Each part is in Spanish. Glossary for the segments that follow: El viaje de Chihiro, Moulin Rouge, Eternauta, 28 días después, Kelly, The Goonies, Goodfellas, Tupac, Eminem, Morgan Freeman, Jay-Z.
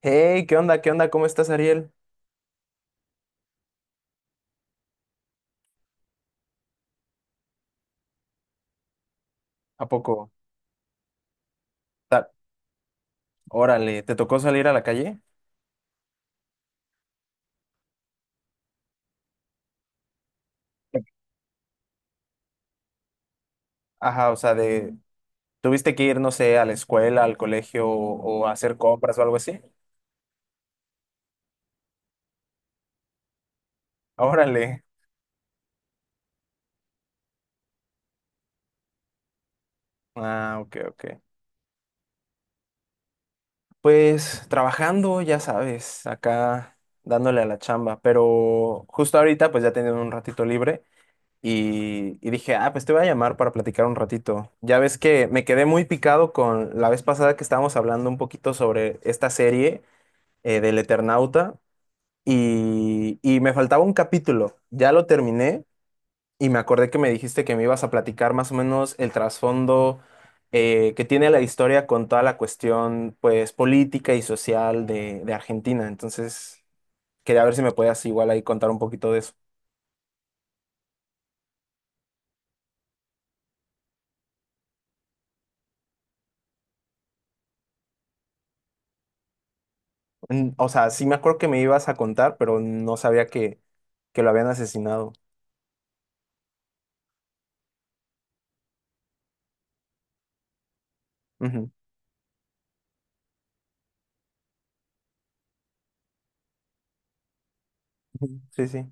Hey, ¿qué onda? ¿Qué onda? ¿Cómo estás, Ariel? ¿A poco? Ta- Órale, ¿te tocó salir a la calle? Ajá, o sea, ¿tuviste que ir, no sé, a la escuela, al colegio o a hacer compras o algo así? Órale. Ah, ok, ok. Pues trabajando, ya sabes, acá dándole a la chamba, pero justo ahorita pues ya tenía un ratito libre y dije, ah, pues te voy a llamar para platicar un ratito. Ya ves que me quedé muy picado con la vez pasada que estábamos hablando un poquito sobre esta serie, del Eternauta, y me faltaba un capítulo. Ya lo terminé y me acordé que me dijiste que me ibas a platicar más o menos el trasfondo que tiene la historia con toda la cuestión pues política y social de Argentina. Entonces, quería ver si me podías igual ahí contar un poquito de eso. O sea, sí me acuerdo que me ibas a contar, pero no sabía que lo habían asesinado. Ujú. Ujú, sí, sí.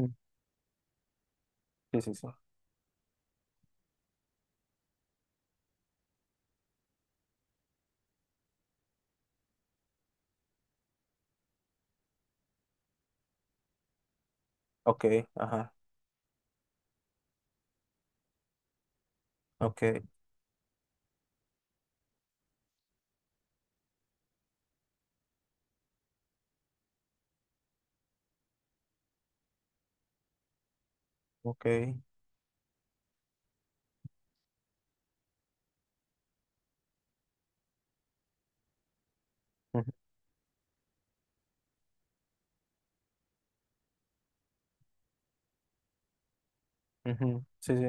Mm. Sí, sí, sí. Ok, ajá. Ok, ok. Ujú, sí, sí.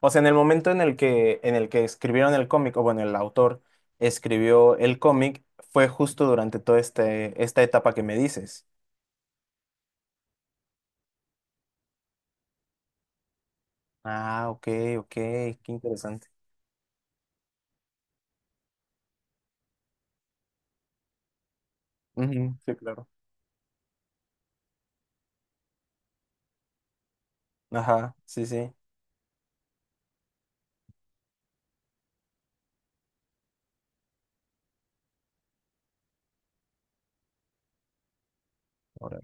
O sea, en el momento en el que, escribieron el cómic, o bueno, el autor escribió el cómic, fue justo durante toda esta etapa que me dices. Ah, ok, ok, qué interesante. Ujú, sí, claro. Ajá, sí, sí. Ahora.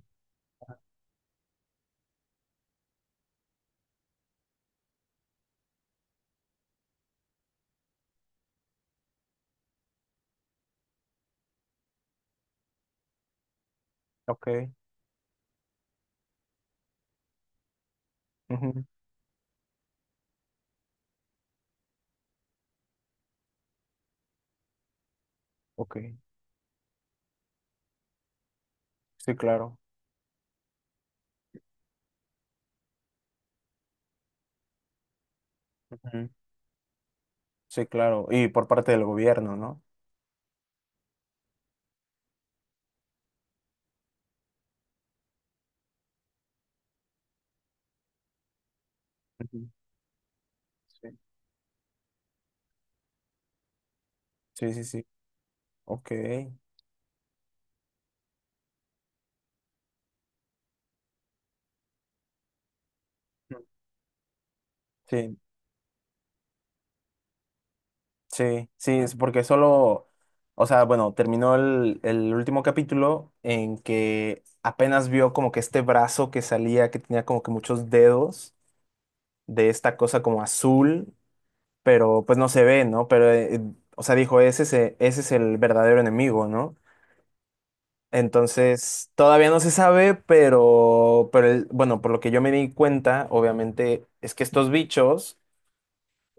Ok. Ujú. Ok. Sí, claro. Ujú, sí, claro. Y por parte del gobierno, ¿no? Ujú, sí, sí, sí, sí. Ok. Mm. Sí, sí, sí, es porque solo, o sea, bueno, terminó el último capítulo en que apenas vio como que este brazo que salía, que tenía como que muchos dedos de esta cosa como azul, pero pues no se ve, ¿no? Pero, o sea, dijo, ese es el verdadero enemigo, ¿no? Entonces, todavía no se sabe, pero, bueno, por lo que yo me di cuenta, obviamente, es que estos bichos,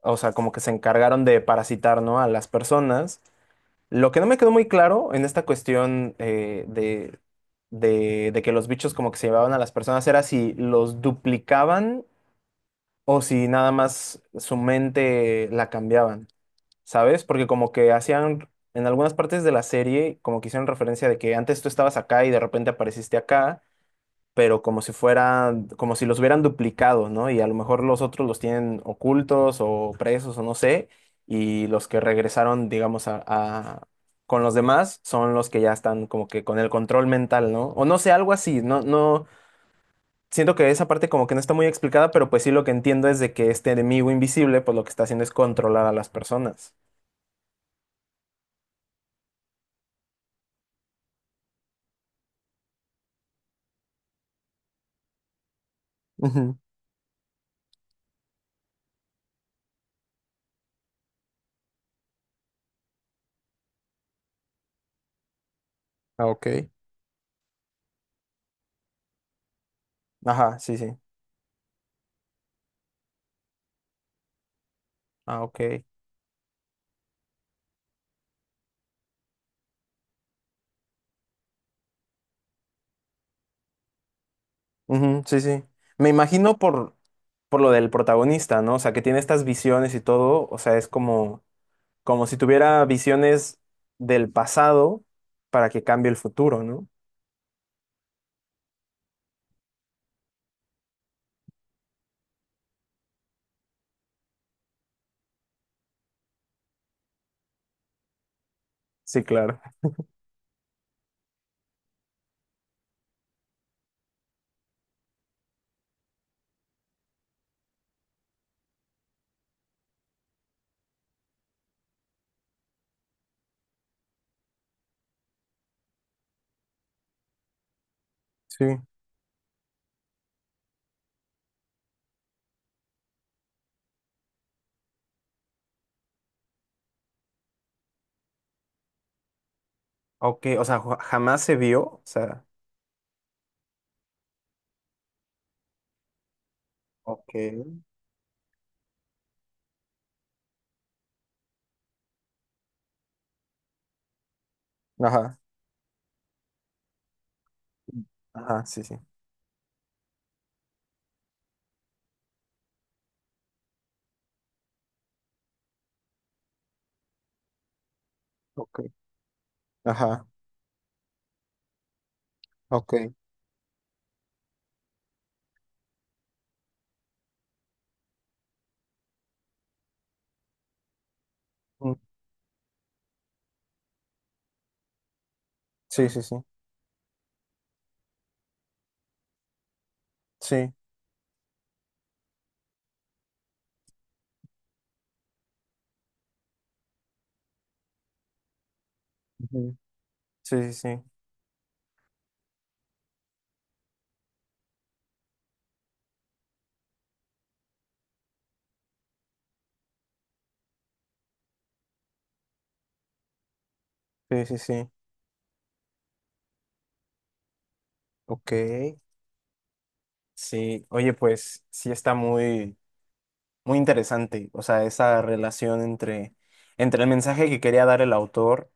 o sea, como que se encargaron de parasitar, ¿no? A las personas. Lo que no me quedó muy claro en esta cuestión de, de que los bichos como que se llevaban a las personas era si los duplicaban o si nada más su mente la cambiaban, ¿sabes? Porque como que hacían, en algunas partes de la serie, como que hicieron referencia de que antes tú estabas acá y de repente apareciste acá, pero como si fueran, como si los hubieran duplicado, ¿no? Y a lo mejor los otros los tienen ocultos o presos o no sé, y los que regresaron, digamos, con los demás son los que ya están como que con el control mental, ¿no? O no sé, algo así, no, no, siento que esa parte como que no está muy explicada, pero pues sí, lo que entiendo es de que este enemigo invisible, pues lo que está haciendo es controlar a las personas. Ujú. Ah, ok. Ajá, sí, sí. Ah, ok. Ujú, sí, sí. Me imagino por lo del protagonista, ¿no? O sea, que tiene estas visiones y todo. O sea, es como si tuviera visiones del pasado para que cambie el futuro, ¿no? Sí, claro. Sí. Ok, o sea, jamás se vio. O sea, ok, ajá, ajá, sí, sí. Ok, ajá, ok. Mm, sí, sí, sí. Sí. Ujú. Sí, sí, sí, sí, sí, sí. Ok, sí, oye, pues sí está muy, muy interesante, o sea, esa relación entre el mensaje que quería dar el autor,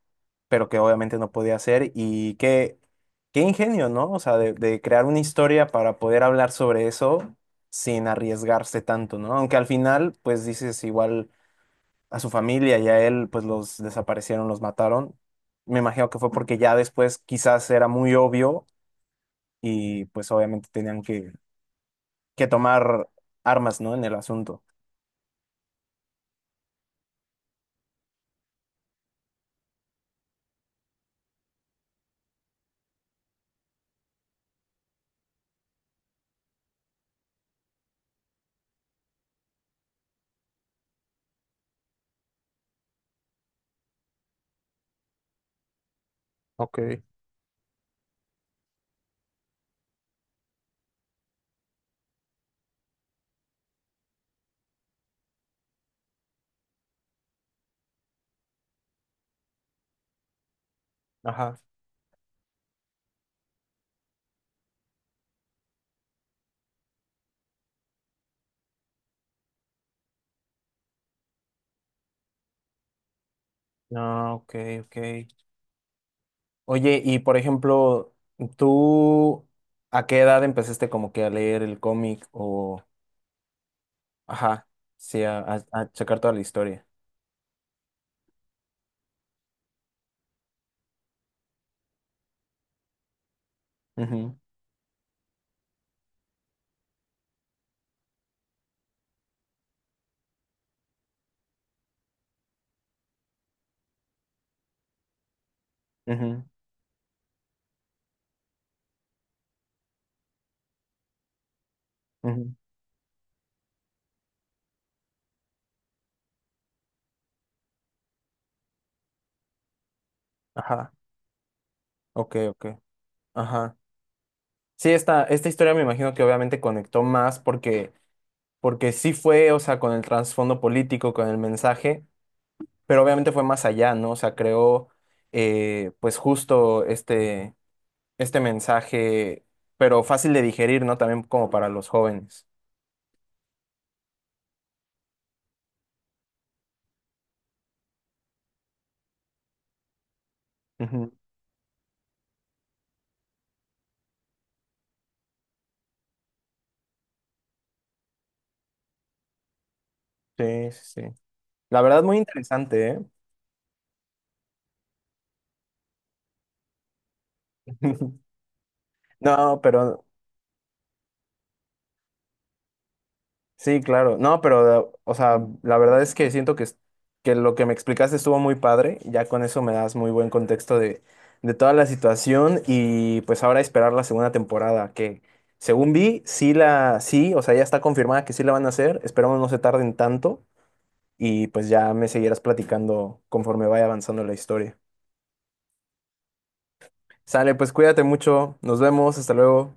pero que obviamente no podía hacer, y qué, qué ingenio, ¿no? O sea, de crear una historia para poder hablar sobre eso sin arriesgarse tanto, ¿no? Aunque al final, pues dices, igual a su familia y a él, pues los desaparecieron, los mataron. Me imagino que fue porque ya después quizás era muy obvio y pues obviamente tenían que tomar armas, ¿no? En el asunto. Ok, ajá. Ah, ok, ok. Oye, y por ejemplo, ¿tú a qué edad empezaste como que a leer el cómic o, ajá, sí, a checar toda la historia? Ujú, ujú, ujú. Ajá, ok, ok. Ajá. Sí, esta historia me imagino que obviamente conectó más porque, sí fue, o sea, con el trasfondo político, con el mensaje, pero obviamente fue más allá, ¿no? O sea, creó, pues justo este mensaje, pero fácil de digerir, ¿no? También como para los jóvenes. Ujú. Sí, sí, sí. La verdad, muy interesante, ¿eh? No, pero sí, claro. No, pero, o sea, la verdad es que siento que, que lo que me explicaste estuvo muy padre. Ya con eso me das muy buen contexto de, toda la situación y pues ahora esperar la segunda temporada, que según vi, sí, o sea, ya está confirmada que sí la van a hacer. Esperamos no se tarden tanto. Y pues ya me seguirás platicando conforme vaya avanzando la historia. Sale, pues cuídate mucho, nos vemos, hasta luego.